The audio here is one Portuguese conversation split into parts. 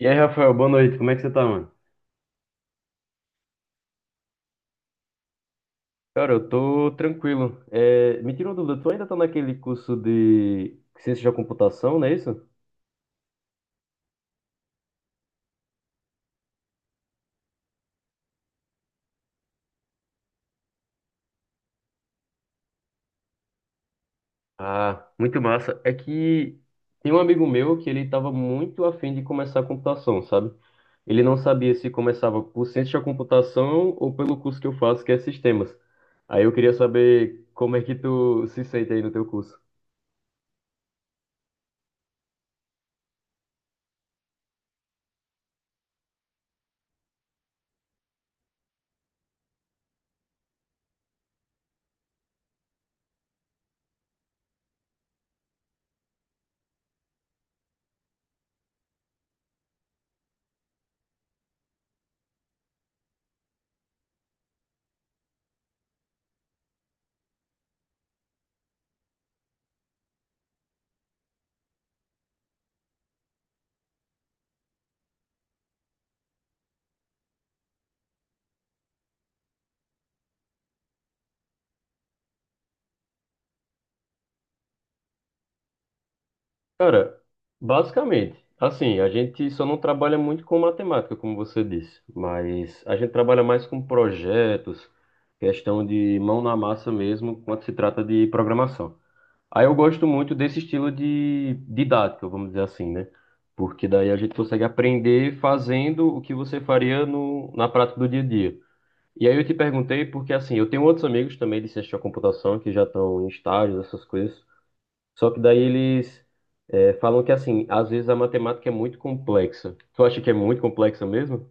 E aí, Rafael, boa noite. Como é que você tá, mano? Cara, eu tô tranquilo. Me tira uma dúvida, tu ainda tá naquele curso de ciência da computação, não é isso? Ah, muito massa. É que tem um amigo meu que ele tava muito afim de começar a computação, sabe? Ele não sabia se começava por ciência da computação ou pelo curso que eu faço, que é sistemas. Aí eu queria saber como é que tu se sente aí no teu curso. Cara, basicamente, assim, a gente só não trabalha muito com matemática, como você disse, mas a gente trabalha mais com projetos, questão de mão na massa mesmo, quando se trata de programação. Aí eu gosto muito desse estilo de didática, vamos dizer assim, né? Porque daí a gente consegue aprender fazendo o que você faria no, na prática do dia a dia. E aí eu te perguntei porque, assim, eu tenho outros amigos também de ciência da computação que já estão em estágios, essas coisas. Só que daí eles falam que, assim, às vezes a matemática é muito complexa. Tu acha que é muito complexa mesmo?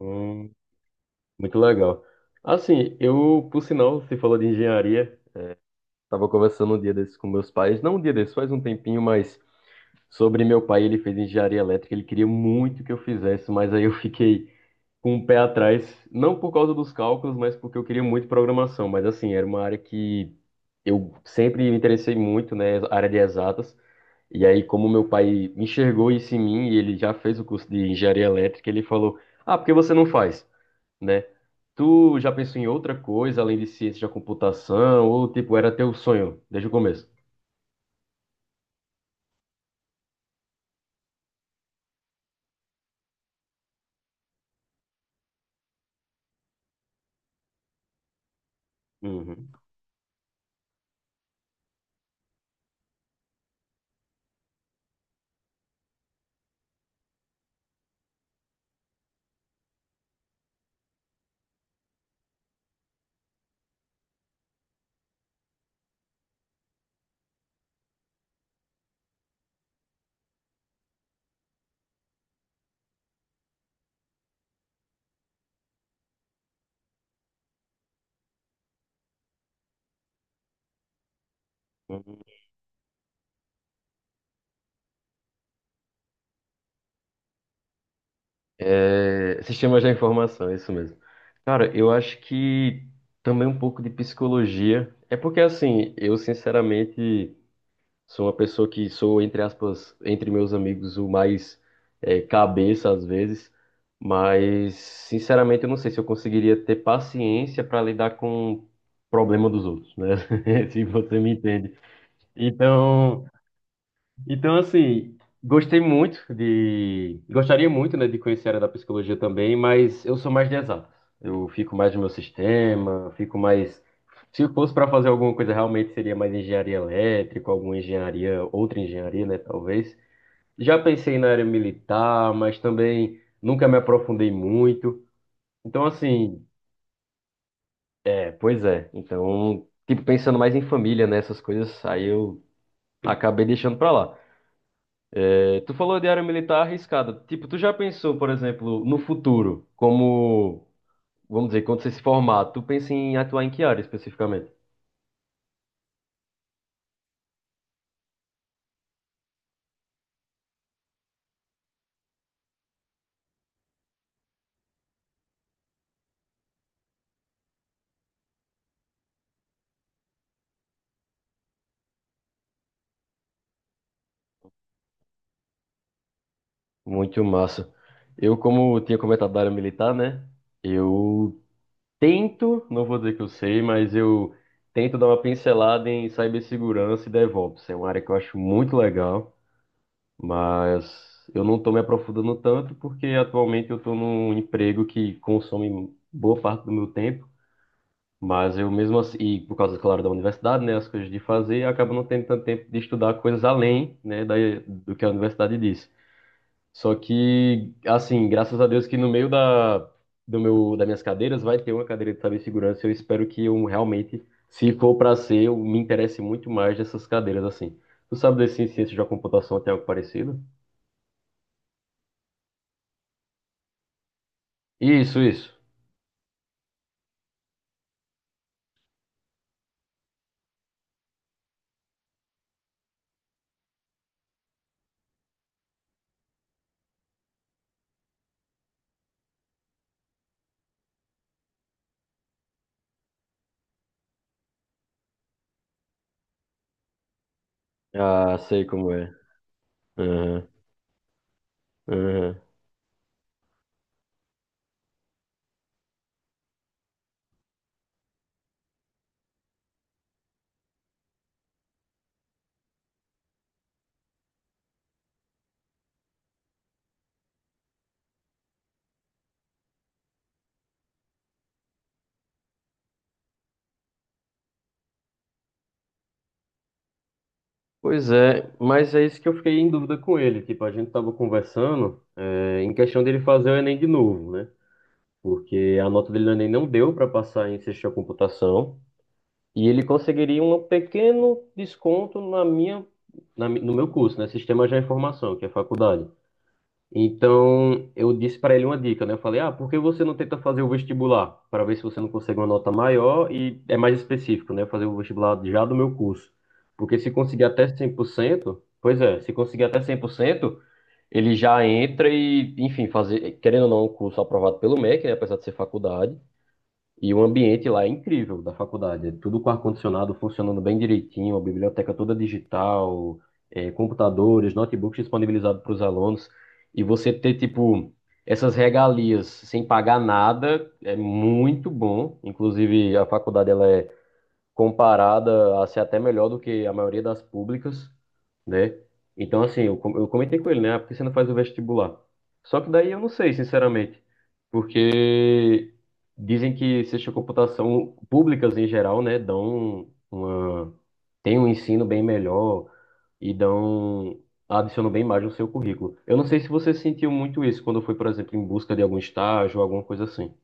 Hum, muito legal. Assim, eu, por sinal, você falou de engenharia, estava conversando um dia desses com meus pais, não um dia desses, faz um tempinho, mas sobre meu pai, ele fez engenharia elétrica, ele queria muito que eu fizesse, mas aí eu fiquei com o pé atrás, não por causa dos cálculos, mas porque eu queria muito programação, mas assim, era uma área que eu sempre me interessei muito, né, área de exatas. E aí, como meu pai enxergou isso em mim e ele já fez o curso de engenharia elétrica, ele falou: Ah, por que você não faz, né? Tu já pensou em outra coisa além de ciência da computação? Ou, tipo, era teu sonho desde o começo? Uhum. Uhum. É, sistemas da informação, é isso mesmo. Cara, eu acho que também um pouco de psicologia. É porque, assim, eu sinceramente. Sou uma pessoa que sou, entre aspas, entre meus amigos, o mais cabeça às vezes, mas sinceramente eu não sei se eu conseguiria ter paciência para lidar com o problema dos outros, né? Se você me entende. Então, então, assim, gostei muito de. Gostaria muito, né, de conhecer a área da psicologia também, mas eu sou mais de exatas. Eu fico mais no meu sistema, fico mais. Se eu fosse para fazer alguma coisa, realmente seria mais engenharia elétrica, alguma engenharia, outra engenharia, né, talvez. Já pensei na área militar, mas também nunca me aprofundei muito. Então, assim, é, pois é. Então, tipo, pensando mais em família, né, essas coisas, aí eu acabei deixando para lá. Tu falou de área militar arriscada. Tipo, tu já pensou, por exemplo, no futuro, como, vamos dizer, quando você se formar, tu pensa em atuar em que área especificamente? Muito massa. Eu, como tinha comentado da área militar, né? Eu tento, não vou dizer que eu sei, mas eu tento dar uma pincelada em cibersegurança e DevOps. É uma área que eu acho muito legal, mas eu não estou me aprofundando tanto porque atualmente eu estou num emprego que consome boa parte do meu tempo. Mas eu mesmo assim, e por causa, claro, da universidade, né, as coisas de fazer, acaba não tendo tanto tempo de estudar coisas além, né, do que a universidade diz. Só que, assim, graças a Deus que no meio das minhas cadeiras vai ter uma cadeira de cibersegurança. Eu espero que eu realmente, se for para ser, eu me interesse muito mais dessas cadeiras, assim. Tu sabe desse em ciência da computação tem algo parecido? Isso, isso. Ah, sei como é. Aham, aham. Pois é, mas é isso que eu fiquei em dúvida com ele. Tipo, a gente tava conversando, em questão dele fazer o Enem de novo, né? Porque a nota dele no Enem não deu para passar em ciência da computação e ele conseguiria um pequeno desconto na minha, no meu curso, né? Sistema de Informação, que é faculdade. Então, eu disse para ele uma dica, né? Eu falei, ah, por que você não tenta fazer o vestibular? Para ver se você não consegue uma nota maior e é mais específico, né? Fazer o vestibular já do meu curso. Porque se conseguir até 100%, pois é, se conseguir até 100%, ele já entra e, enfim, fazer, querendo ou não, um curso aprovado pelo MEC, né? Apesar de ser faculdade. E o ambiente lá é incrível da faculdade. É tudo com ar-condicionado funcionando bem direitinho, a biblioteca toda digital, computadores, notebooks disponibilizados para os alunos. E você ter, tipo, essas regalias sem pagar nada é muito bom. Inclusive, a faculdade ela é comparada a ser até melhor do que a maioria das públicas, né? Então, assim, eu, eu comentei com ele, né? Ah, por que você não faz o vestibular? Só que daí eu não sei, sinceramente, porque dizem que ciência de computação públicas em geral, né, dão uma, tem um ensino bem melhor e dão, adicionam bem mais no seu currículo. Eu não sei se você sentiu muito isso quando foi, por exemplo, em busca de algum estágio, alguma coisa assim.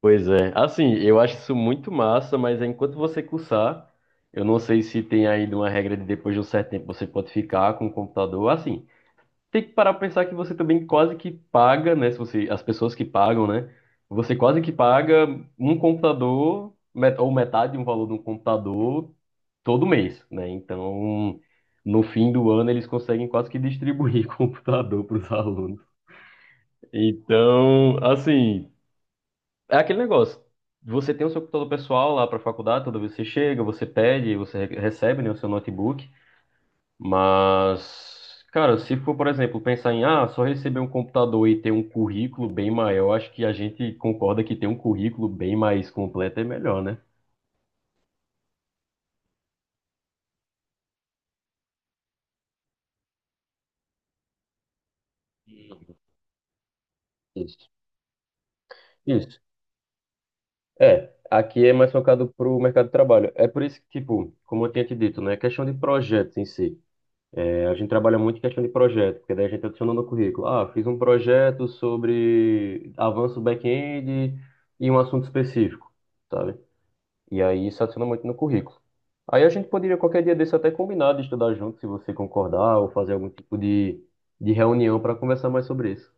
Pois é. Assim, eu acho isso muito massa, mas enquanto você cursar, eu não sei se tem ainda uma regra de depois de um certo tempo você pode ficar com o computador. Assim, tem que parar pra pensar que você também quase que paga, né? Se você, as pessoas que pagam, né? Você quase que paga um computador, ou metade de um valor de um computador todo mês, né? Então, no fim do ano, eles conseguem quase que distribuir computador para os alunos. Então, assim. É aquele negócio. Você tem o seu computador pessoal lá para a faculdade, toda vez que você chega, você pede, você recebe, né, o seu notebook. Mas, cara, se for, por exemplo, pensar em, ah, só receber um computador e ter um currículo bem maior, acho que a gente concorda que ter um currículo bem mais completo é melhor, né? Isso. Isso. É, aqui é mais focado para o mercado de trabalho. É por isso que, tipo, como eu tinha te dito, né, questão de projetos em si. A gente trabalha muito em questão de projeto, porque daí a gente adiciona no currículo. Ah, fiz um projeto sobre avanço back-end e um assunto específico, sabe? E aí isso adiciona muito no currículo. Aí a gente poderia qualquer dia desse até combinar de estudar junto, se você concordar, ou fazer algum tipo de reunião para conversar mais sobre isso.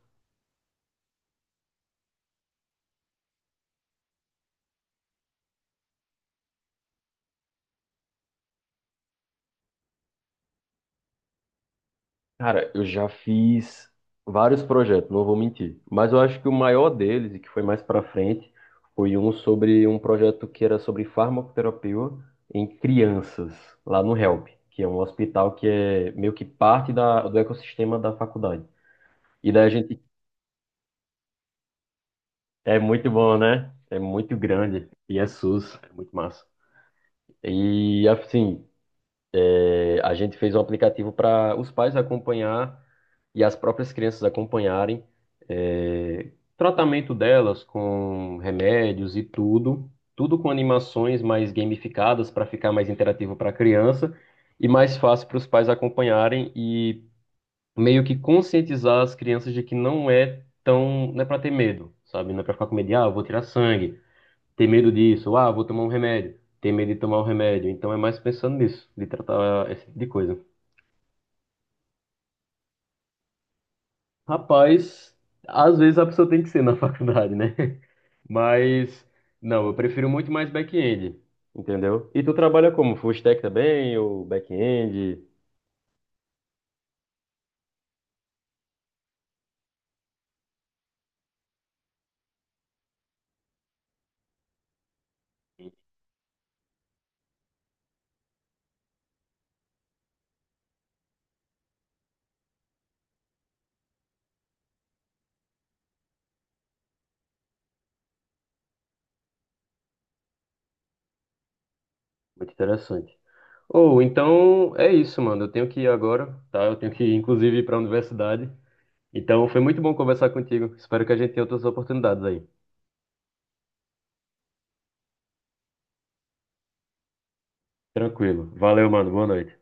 Cara, eu já fiz vários projetos, não vou mentir. Mas eu acho que o maior deles, e que foi mais pra frente, foi um sobre um projeto que era sobre farmacoterapia em crianças, lá no HELP, que é um hospital que é meio que parte do ecossistema da faculdade. E daí a gente. É muito bom, né? É muito grande. E é SUS, é muito massa. E assim, a gente fez um aplicativo para os pais acompanhar e as próprias crianças acompanharem é, tratamento delas com remédios e tudo, tudo com animações mais gamificadas para ficar mais interativo para a criança e mais fácil para os pais acompanharem e meio que conscientizar as crianças de que não é tão, não é para ter medo, sabe? Não é para ficar com medo de, ah, eu vou tirar sangue, ter medo disso, ah, vou tomar um remédio, ter medo de tomar um remédio. Então é mais pensando nisso, de tratar esse tipo de coisa. Rapaz, às vezes a pessoa tem que ser na faculdade, né? Mas, não, eu prefiro muito mais back-end, entendeu? E tu trabalha como? Full stack também, ou back-end? Muito interessante. Ou, então, é isso, mano. Eu tenho que ir agora, tá? Eu tenho que, inclusive, ir para a universidade. Então, foi muito bom conversar contigo. Espero que a gente tenha outras oportunidades aí. Tranquilo. Valeu, mano. Boa noite.